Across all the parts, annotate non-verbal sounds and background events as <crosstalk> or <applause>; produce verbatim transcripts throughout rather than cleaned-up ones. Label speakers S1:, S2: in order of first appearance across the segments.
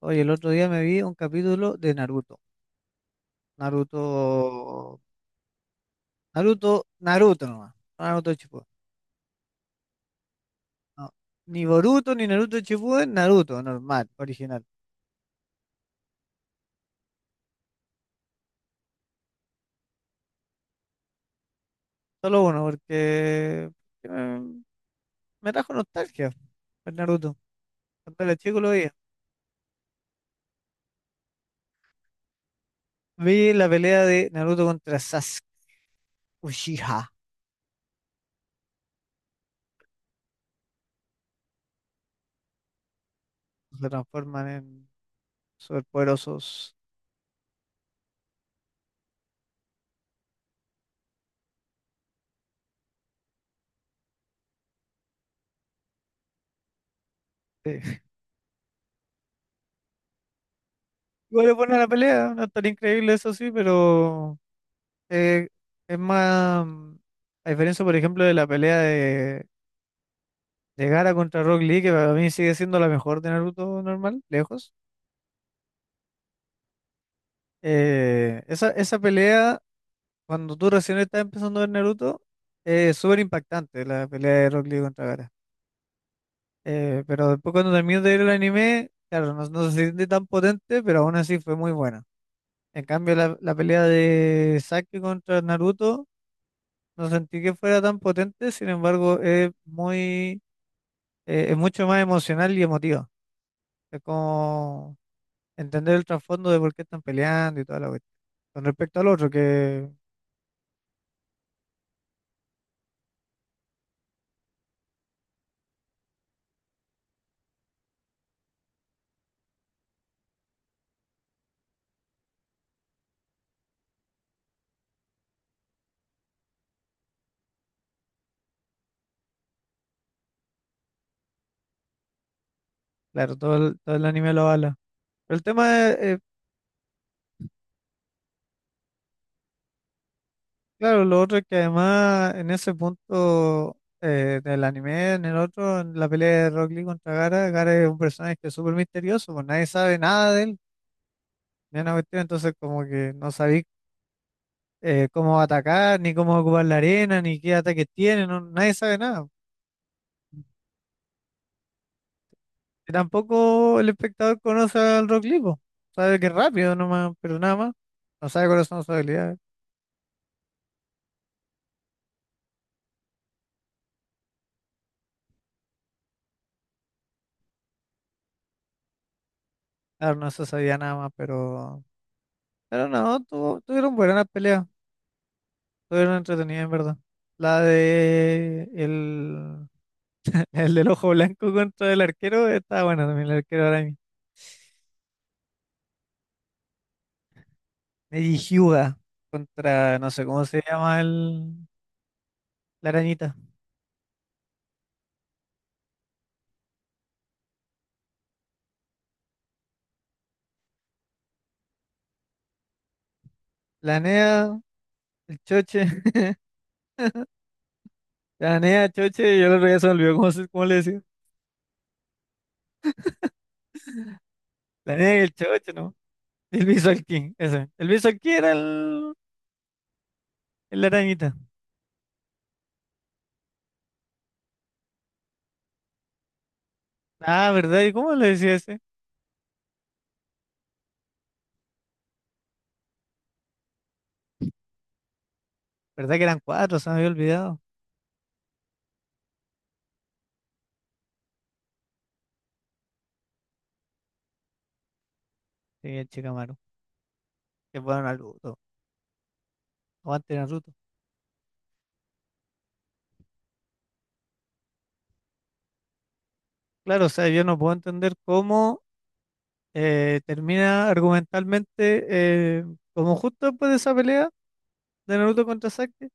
S1: Oye, el otro día me vi un capítulo de Naruto. Naruto. Naruto, Naruto nomás, no Naruto Shippuden. No. Ni Boruto ni Naruto Shippuden, Naruto normal, original. Solo uno, porque porque me, me trajo nostalgia el Naruto. Cuando era chico lo veía. Vi la pelea de Naruto contra Sasuke Uchiha. Se transforman en superpoderosos. Sí. <laughs> Igual es buena la pelea, no es tan increíble eso sí, pero eh, es más, mm, a diferencia, por ejemplo, de la pelea de, de Gaara contra Rock Lee, que para mí sigue siendo la mejor de Naruto normal, lejos. eh, esa, esa pelea, cuando tú recién estás empezando a ver Naruto, eh, es súper impactante la pelea de Rock Lee contra Gaara. Eh, pero después cuando terminas de ver el anime, claro, no, no se siente tan potente, pero aún así fue muy buena. En cambio, la, la pelea de Sasuke contra Naruto, no sentí que fuera tan potente, sin embargo, es muy eh, es mucho más emocional y emotivo. Es como entender el trasfondo de por qué están peleando y toda la cuestión. Con respecto al otro, que claro, todo el, todo el anime lo habla. Pero el tema es, eh, claro, lo otro es que además en ese punto eh, del anime, en el otro, en la pelea de Rock Lee contra Gara, Gara es un personaje que es súper misterioso, pues nadie sabe nada de él, ni una cuestión, entonces como que no sabéis eh, cómo atacar, ni cómo ocupar la arena, ni qué ataques tiene, no, nadie sabe nada. Y tampoco el espectador conoce al Rock Lee, po. Sabe que es rápido nomás, pero nada más. No sabe cuáles son sus habilidades. Claro, no se sabía nada más. Pero... Pero no, tuvo- tuvieron buenas peleas. Tuvieron entretenidas, en verdad. La de... El, <laughs> el del ojo blanco contra el arquero está buena también, el arquero araña. Neji Hyuga contra, no sé cómo se llama el, la arañita. La NEA, el choche. <laughs> La NEA, choche, yo el otro día se me olvidó cómo, se- cómo le decía. La NEA y el choche, ¿no? El Visual Key, ese. El Visual Key era el, el arañita. Ah, ¿verdad? ¿Y cómo le decía ese? ¿Verdad que eran cuatro? Se me había olvidado. Sí, el Chikamaru. Que bueno, Naruto. Aguante Naruto. Claro, o sea, yo no puedo entender cómo eh, termina argumentalmente, eh, como justo después de esa pelea de Naruto contra Sasuke.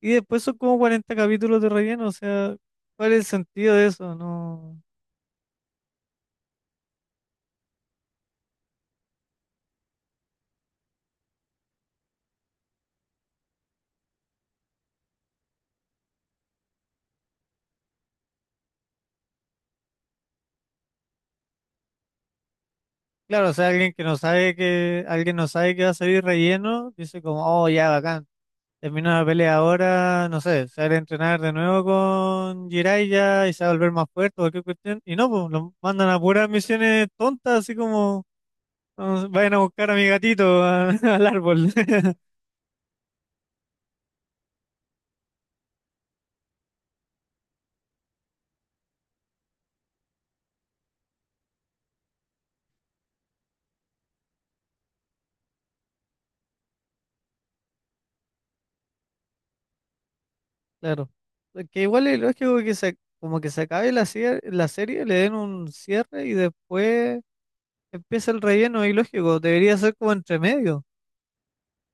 S1: Y después son como cuarenta capítulos de relleno. O sea, ¿cuál es el sentido de eso? No. Claro, o sea, alguien que no sabe que, alguien no sabe que va a salir relleno, dice como, oh, ya, bacán. Termina la pelea ahora, no sé, sale a entrenar de nuevo con Jiraiya y se va a volver más fuerte o cualquier cuestión. Y no, pues lo mandan a puras misiones tontas, así como: "Ah, vayan a buscar a mi gatito a- <laughs> al árbol". <laughs> Claro. Que igual es lógico que se, como que se acabe la, cier- la serie, le den un cierre y después empieza el relleno, y lógico. Debería ser como entre medio,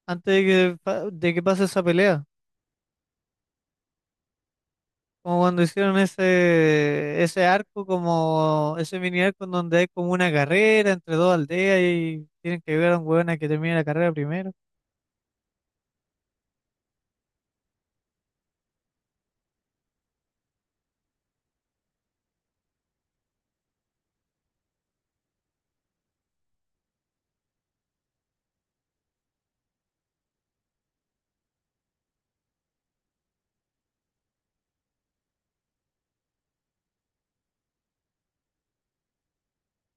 S1: antes de que, pa- de que pase esa pelea. Como cuando hicieron ese, ese arco, como ese mini arco en donde hay como una carrera entre dos aldeas y tienen que ayudar a un hueón a que termine la carrera primero.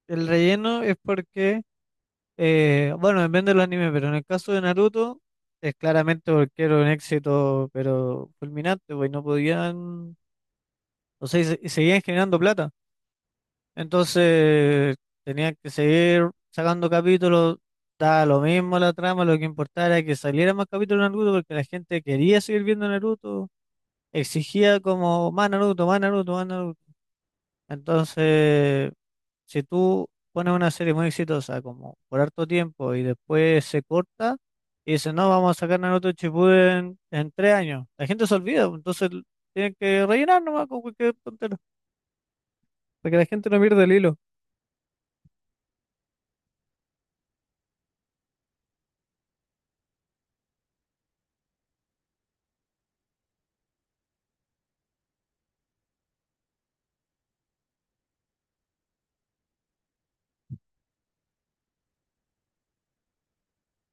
S1: El relleno es porque, eh, bueno, depende de los animes, pero en el caso de Naruto es claramente porque era un éxito, pero fulminante, pues y no podían, o sea, y se- y seguían generando plata. Entonces tenían que seguir sacando capítulos, daba lo mismo la trama, lo que importaba era que saliera más capítulos de Naruto porque la gente quería seguir viendo Naruto, exigía como más Naruto, más Naruto, más Naruto. Entonces, si tú pones una serie muy exitosa como por harto tiempo y después se corta y dice no, vamos a sacar Naruto Shippuden en tres años, la gente se olvida, pues, entonces tienen que rellenar nomás con cualquier tontera, para que la gente no pierda el hilo.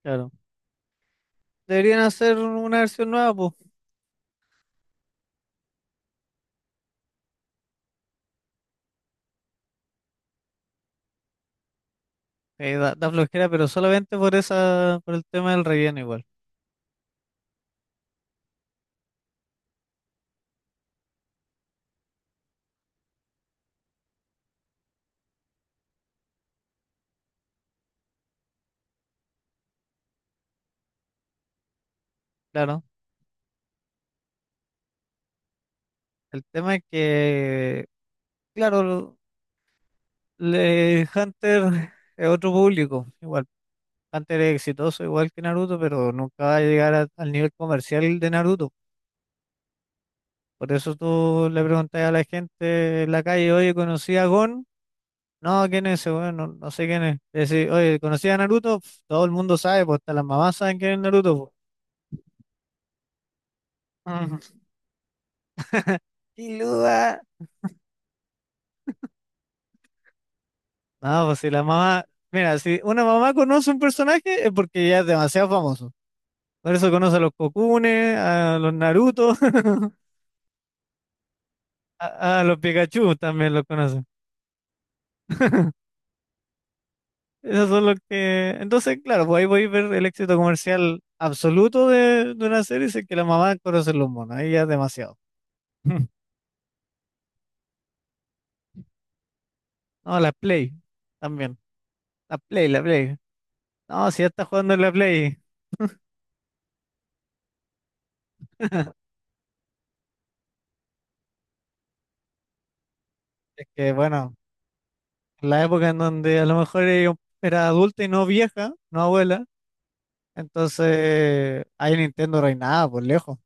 S1: Claro. Deberían hacer una versión nueva, pues. Eh, da, da flojera, pero solamente por esa, por el tema del relleno igual. Claro. El tema es que, claro, lo- le, Hunter <laughs> es otro público. Igual, Hunter es exitoso igual que Naruto, pero nunca va a llegar a- al nivel comercial de Naruto. Por eso tú le preguntas a la gente en la calle, oye, ¿conocí a Gon? No, ¿quién es ese? Bueno, no, no sé quién es. Le decís, oye, ¿conocí a Naruto? Pf, todo el mundo sabe, pues hasta las mamás saben quién es Naruto, pues. <laughs> Ujú. Killua. No, pues si la mamá, mira, si una mamá conoce un personaje es porque ya es demasiado famoso. Por eso conoce a los Kokune, a los Naruto, <laughs> a, a los Pikachu también los conoce. <laughs> Esos son los que. Entonces, claro, pues ahí voy a ver el éxito comercial absoluto de, de, una serie, si es que la mamá conoce los monos, ahí ya es demasiado. <laughs> No, la Play también, la Play, la Play. No, si ya está jugando en la Play. <laughs> Es que bueno, la época en donde a lo mejor ella era adulta y no vieja, no abuela. Entonces, ahí Nintendo reinaba por lejos.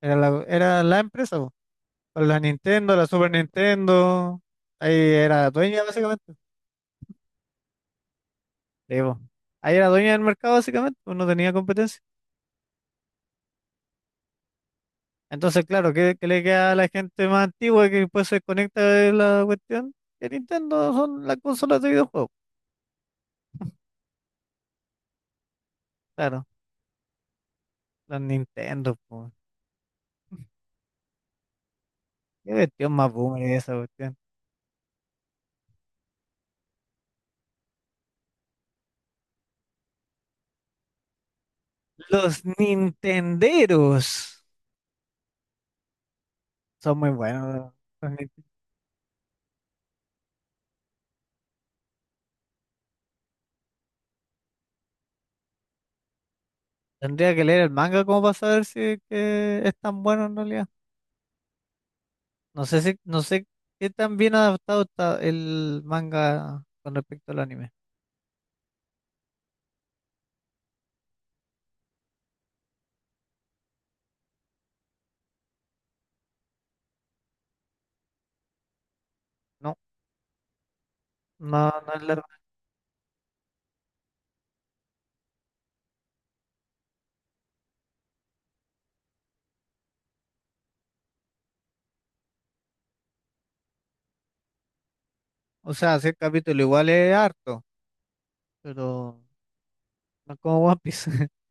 S1: Era la, era la empresa, po. Con la Nintendo, la Super Nintendo, ahí era dueña básicamente. Sí, po. Ahí era dueña del mercado básicamente, pues no tenía competencia. Entonces, claro, ¿qué, qué le queda a la gente más antigua que después se conecta de la cuestión? Que Nintendo son las consolas de videojuegos. Claro, las Nintendo, po. Qué cuestión más boomer es esa cuestión. Los Nintenderos son muy buenos. Tendría que leer el manga como para saber si es que es tan bueno en realidad. No sé si, no sé qué tan bien adaptado está el manga con respecto al anime. No, no, no es largo. O sea, si el capítulo igual es harto, pero no es como One Piece. <laughs>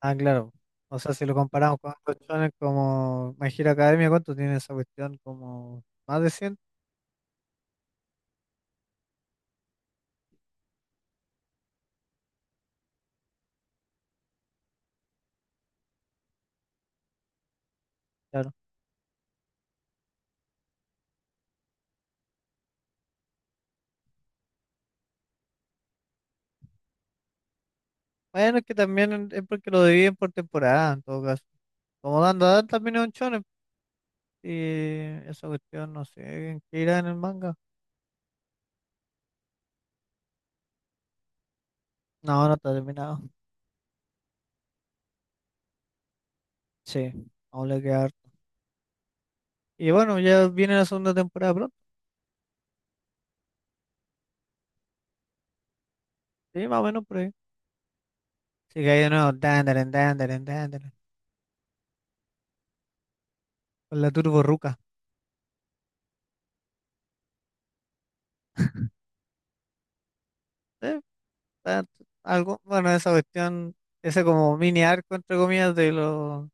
S1: Ah, claro. O sea, si lo comparamos con otros como My Hero Academia, ¿cuánto tiene esa cuestión? Como más de cien, claro. Bueno, es que también es porque lo dividen por temporada, en todo caso. Como dando también es un shonen, y esa cuestión no sé en qué irá en el manga. No, no está terminado. Sí, aún le queda harto. Y bueno, ya viene la segunda temporada pronto. Sí, más o menos por ahí. Así que ahí de nuevo, dandaren, dandaren, dandaren. Con la Turbo Ruca. Sí, está- algo, bueno, esa cuestión, ese como mini arco, entre comillas, de lo,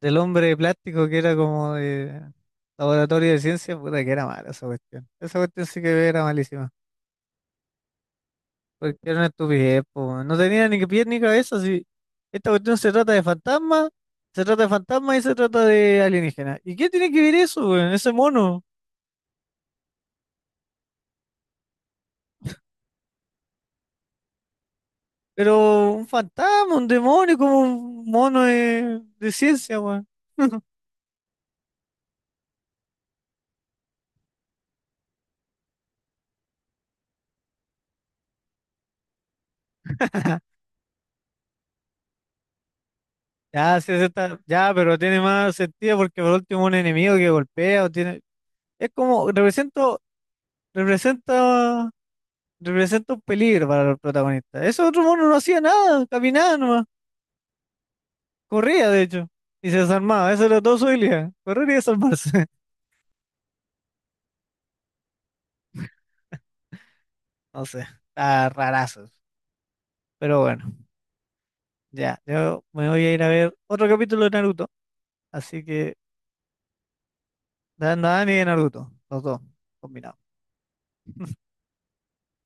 S1: del hombre de plástico que era como de laboratorio de ciencia, puta que era mala esa cuestión. Esa cuestión sí que era malísima. Porque era una estupidez, po, weón. No tenía ni pies ni cabeza. Si esta cuestión se trata de fantasmas, se trata de fantasmas y se trata de alienígenas. ¿Y qué tiene que ver eso, weón? Ese mono. Pero un fantasma, un demonio, como un mono de, de, ciencia, weón. <laughs> Ya, sí, sí está- ya, pero tiene más sentido porque por último un enemigo que golpea o tiene. Es como represento, representa, representa un peligro para los protagonistas. Ese otro mono no hacía nada, caminaba nomás. Corría, de hecho, y se desarmaba. Esa era toda su habilidad. Correr y desarmarse. <laughs> No sé, está rarazo. Pero bueno, ya. Yo me voy a ir a ver otro capítulo de Naruto. Así que, da- Nadan y Naruto. Los dos, combinados.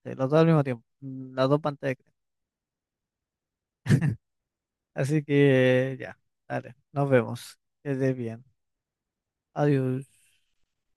S1: Sí, los dos al mismo tiempo. mm, Las dos pantallas. Así que, ya. Dale, nos vemos. Que estés bien. Adiós.